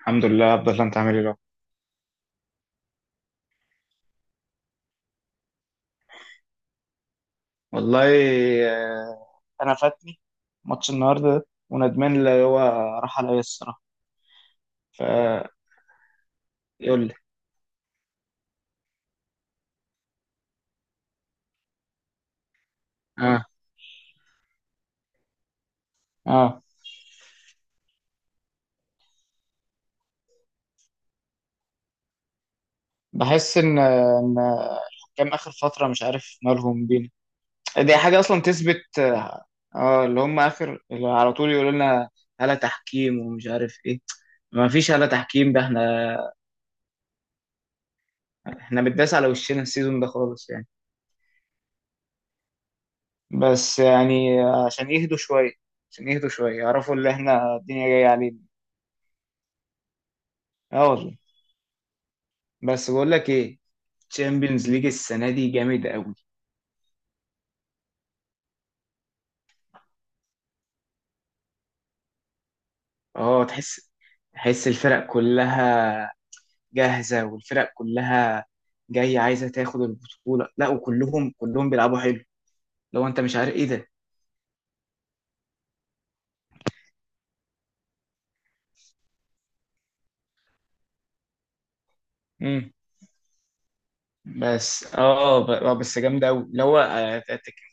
الحمد لله عبد الله، انت عامل ايه بقى؟ والله، آه، انا فاتني ماتش النهارده ده وندمان، اللي هو راح عليا الصراحه. فيقول لي اه اه. بحس ان الحكام اخر فتره مش عارف مالهم بينا. دي حاجه اصلا تثبت. اه، اللي هم اخر اللي على طول يقولوا لنا هلا تحكيم ومش عارف ايه. ما فيش هلا تحكيم ده، احنا احنا بنداس على وشنا السيزون ده خالص يعني. بس يعني عشان يهدوا شوية، عشان يهدوا شوية يعرفوا اللي احنا الدنيا جاية علينا. اه والله. بس بقول لك ايه، تشامبيونز ليج السنة دي جامد قوي. اه، تحس، تحس الفرق كلها جاهزة، والفرق كلها جاية عايزة تاخد البطولة. لا، وكلهم كلهم بيلعبوا حلو، لو انت مش عارف ايه ده. مم. بس اه بس جامدة قوي اللي هو.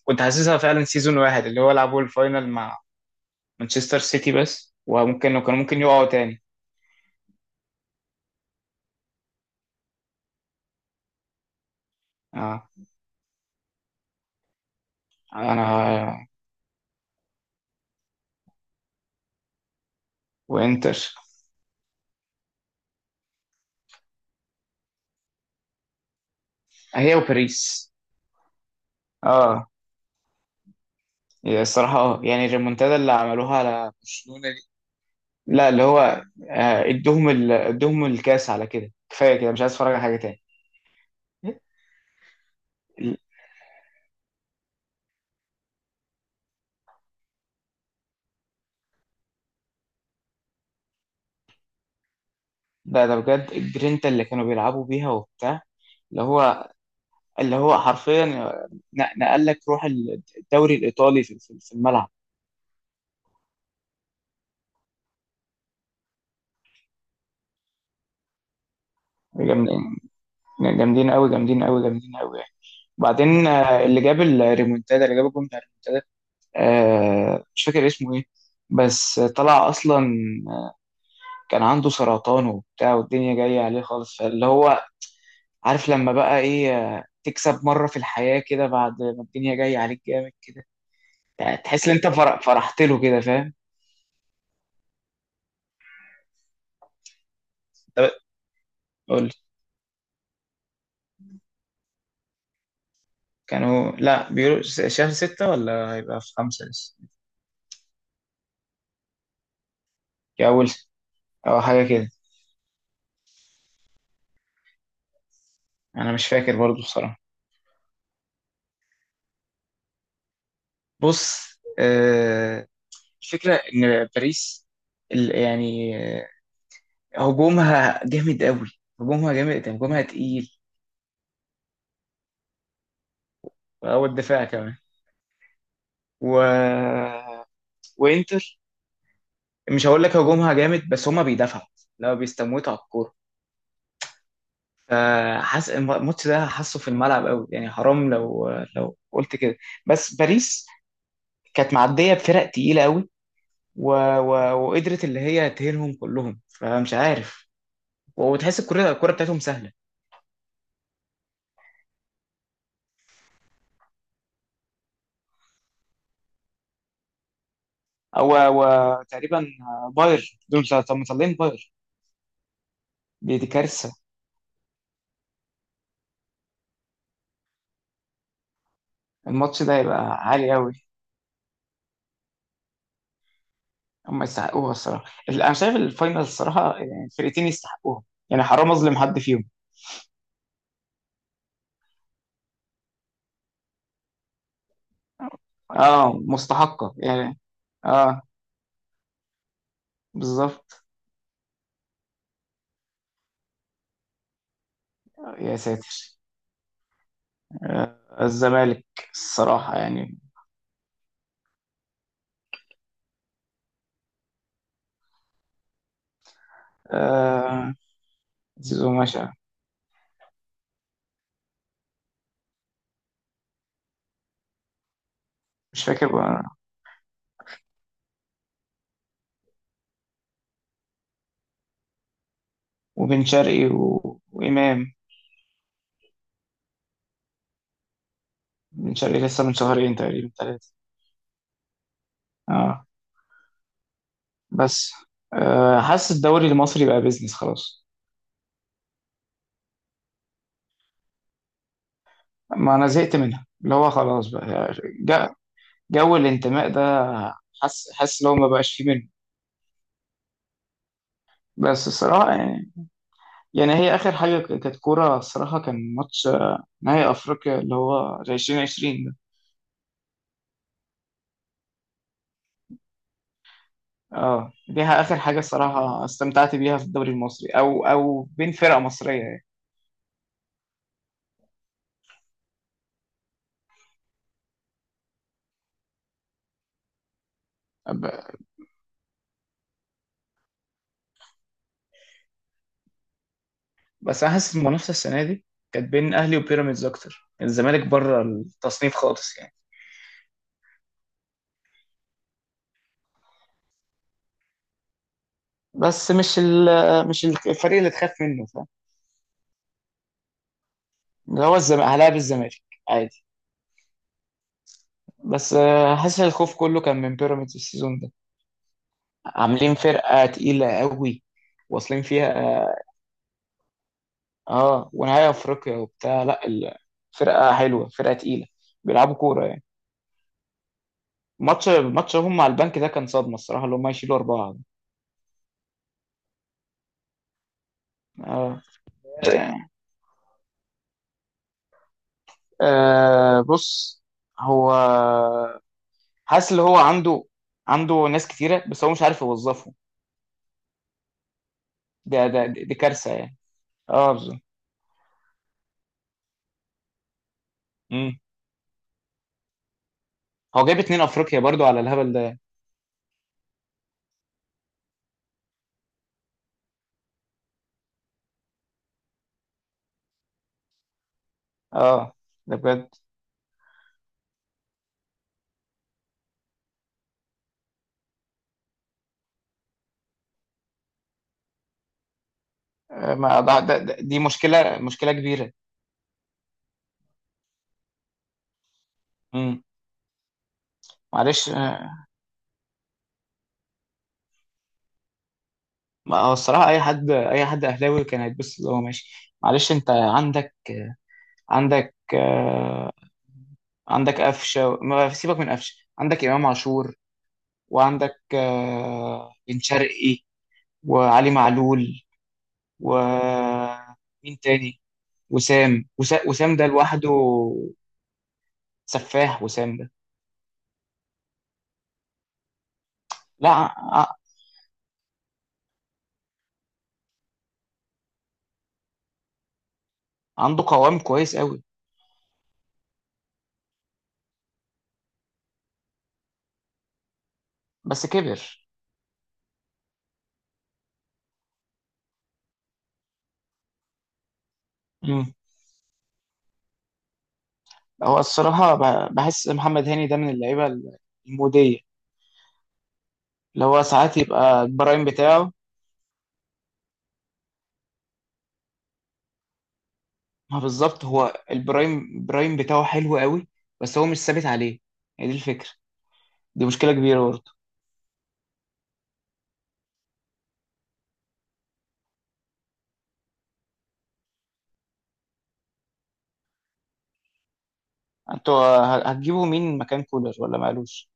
كنت حاسسها فعلا سيزون واحد، اللي هو لعبوا الفاينل مع مانشستر سيتي بس، وممكن كانوا ممكن يقعوا تاني. اه، انا وانتر. هي وباريس. اه، هي الصراحه اه يعني الريمونتادا اللي عملوها على برشلونه دي، لا اللي هو، ادوهم ادوهم الكاس على كده، كفايه كده، مش عايز اتفرج على حاجه تاني. لا ده بجد الجرينتا اللي كانوا بيلعبوا بيها وبتاع، اللي هو، اللي هو حرفيا نقل لك روح الدوري الايطالي في في الملعب. جامدين، جامدين قوي، جامدين قوي، جامدين قوي يعني. وبعدين اللي جاب الريمونتادا، اللي جاب الجون بتاع الريمونتادا، مش فاكر اسمه ايه، بس طلع اصلا كان عنده سرطان وبتاع، والدنيا جاية عليه خالص، فاللي هو عارف، لما بقى ايه، تكسب مرة في الحياة كده بعد ما الدنيا جاية عليك جامد كده. يعني تحس ان انت فرحت له كده، فاهم. طب قول لي. كانوا لا بيقولوا شهر ستة، ولا هيبقى في خمسة لسه. يا أول، أو حاجة كده. أنا مش فاكر برضو بصراحة. بص، الفكرة إن باريس يعني هجومها جامد قوي، هجومها جامد يعني، هجومها تقيل. هو الدفاع كمان. و... وانتر، مش هقول لك هجومها جامد بس، هما بيدافعوا لو بيستموتوا على الكوره. فحس الماتش ده حاسه في الملعب قوي يعني، حرام لو، لو قلت كده. بس باريس كانت معديه بفرق تقيله قوي. و... و... وقدرت اللي هي تهينهم كلهم، فمش عارف. وتحس الكره، الكره بتاعتهم سهله. او، وتقريبا باير، دول مطلعين باير، دي كارثه. الماتش ده هيبقى عالي قوي. هم يستحقوها الصراحه، انا شايف الفاينل الصراحه يعني الفرقتين يستحقوها، يعني حرام اظلم حد فيهم. اه مستحقه يعني. اه بالظبط. يا ساتر، آه الزمالك، الصراحه يعني، آه زيزو مشى. مش فاكر بقى. وبن شرقي و... وامام. بن شرقي لسه من شهرين تقريبا ثلاثه. اه، بس آه حاسس الدوري المصري بقى بيزنس خلاص. ما انا زهقت منها اللي هو، خلاص بقى جو الانتماء ده، حاسس، حاسس لو ما بقاش فيه منه. بس الصراحة يعني, يعني هي آخر حاجة كانت كورة الصراحة، كان ماتش نهائي أفريقيا اللي هو 2020 ده. اه ديها آخر حاجة الصراحة استمتعت بيها في الدوري المصري، أو أو بين فرق مصرية يعني. ب- بس أنا حاسس المنافسة السنة دي كانت بين أهلي وبيراميدز أكتر، الزمالك بره التصنيف خالص يعني. بس مش الفريق اللي تخاف منه، فاهم، اللي هو الزمالك، هلاعب الزمالك. بس حاسس الخوف كله كان من بيراميدز السيزون ده، عاملين فرقة تقيلة قوي، واصلين فيها. اه ونهاية افريقيا وبتاع، لا ال- فرقة حلوة، فرقة تقيلة، بيلعبوا كورة يعني. ماتش ماتش هم مع البنك ده كان صدمة الصراحة، اللي هم يشيلوا أربعة. اه، بص، هو حاسس اللي هو عنده، عنده ناس كتيرة، بس هو مش عارف يوظفهم. ده دي كارثة يعني. اه بالظبط. مم. هو جايب اتنين افريقيا برضو على الهبل ده. اه ده بجد. ما دي مشكلة، مشكلة كبيرة. امم، معلش. ما هو الصراحة أي حد، أي حد أهلاوي كان هيتبسط اللي هو ماشي. معلش، أنت عندك، عندك، عندك قفشة، ما سيبك من قفشة، عندك إمام عاشور، وعندك بن شرقي، وعلي معلول، ومين تاني، وسام، وسام ده لوحده سفاح، وسام ده. لا ع- عنده قوام كويس قوي، بس كبر. هو الصراحة بحس محمد هاني ده من اللعيبة المودية، اللي هو ساعات يبقى البرايم بتاعه. ما بالظبط، هو البرايم، برايم بتاعه حلو قوي، بس هو مش ثابت عليه. هي دي الفكرة، دي مشكلة كبيرة برضه. انتوا هتجيبوا مين مكان كولر، ولا مالوش.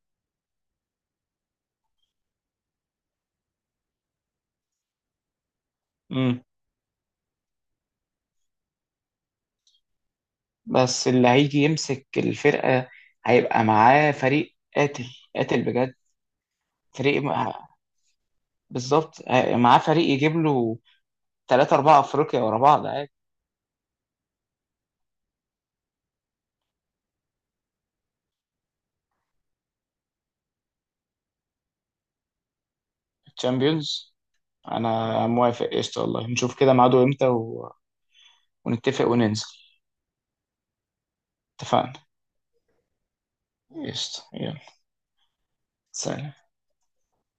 امم. بس اللي هيجي يمسك الفرقة هيبقى معاه فريق قاتل، قاتل بجد. فريق مع- بالظبط معاه فريق يجيب له ثلاثة أربعة أفريقيا ورا بعض عادي. تشامبيونز، انا موافق، قشطة والله، نشوف كده ميعاده امتى و... ونتفق وننزل. اتفقنا، قشطة، يلا، سلام.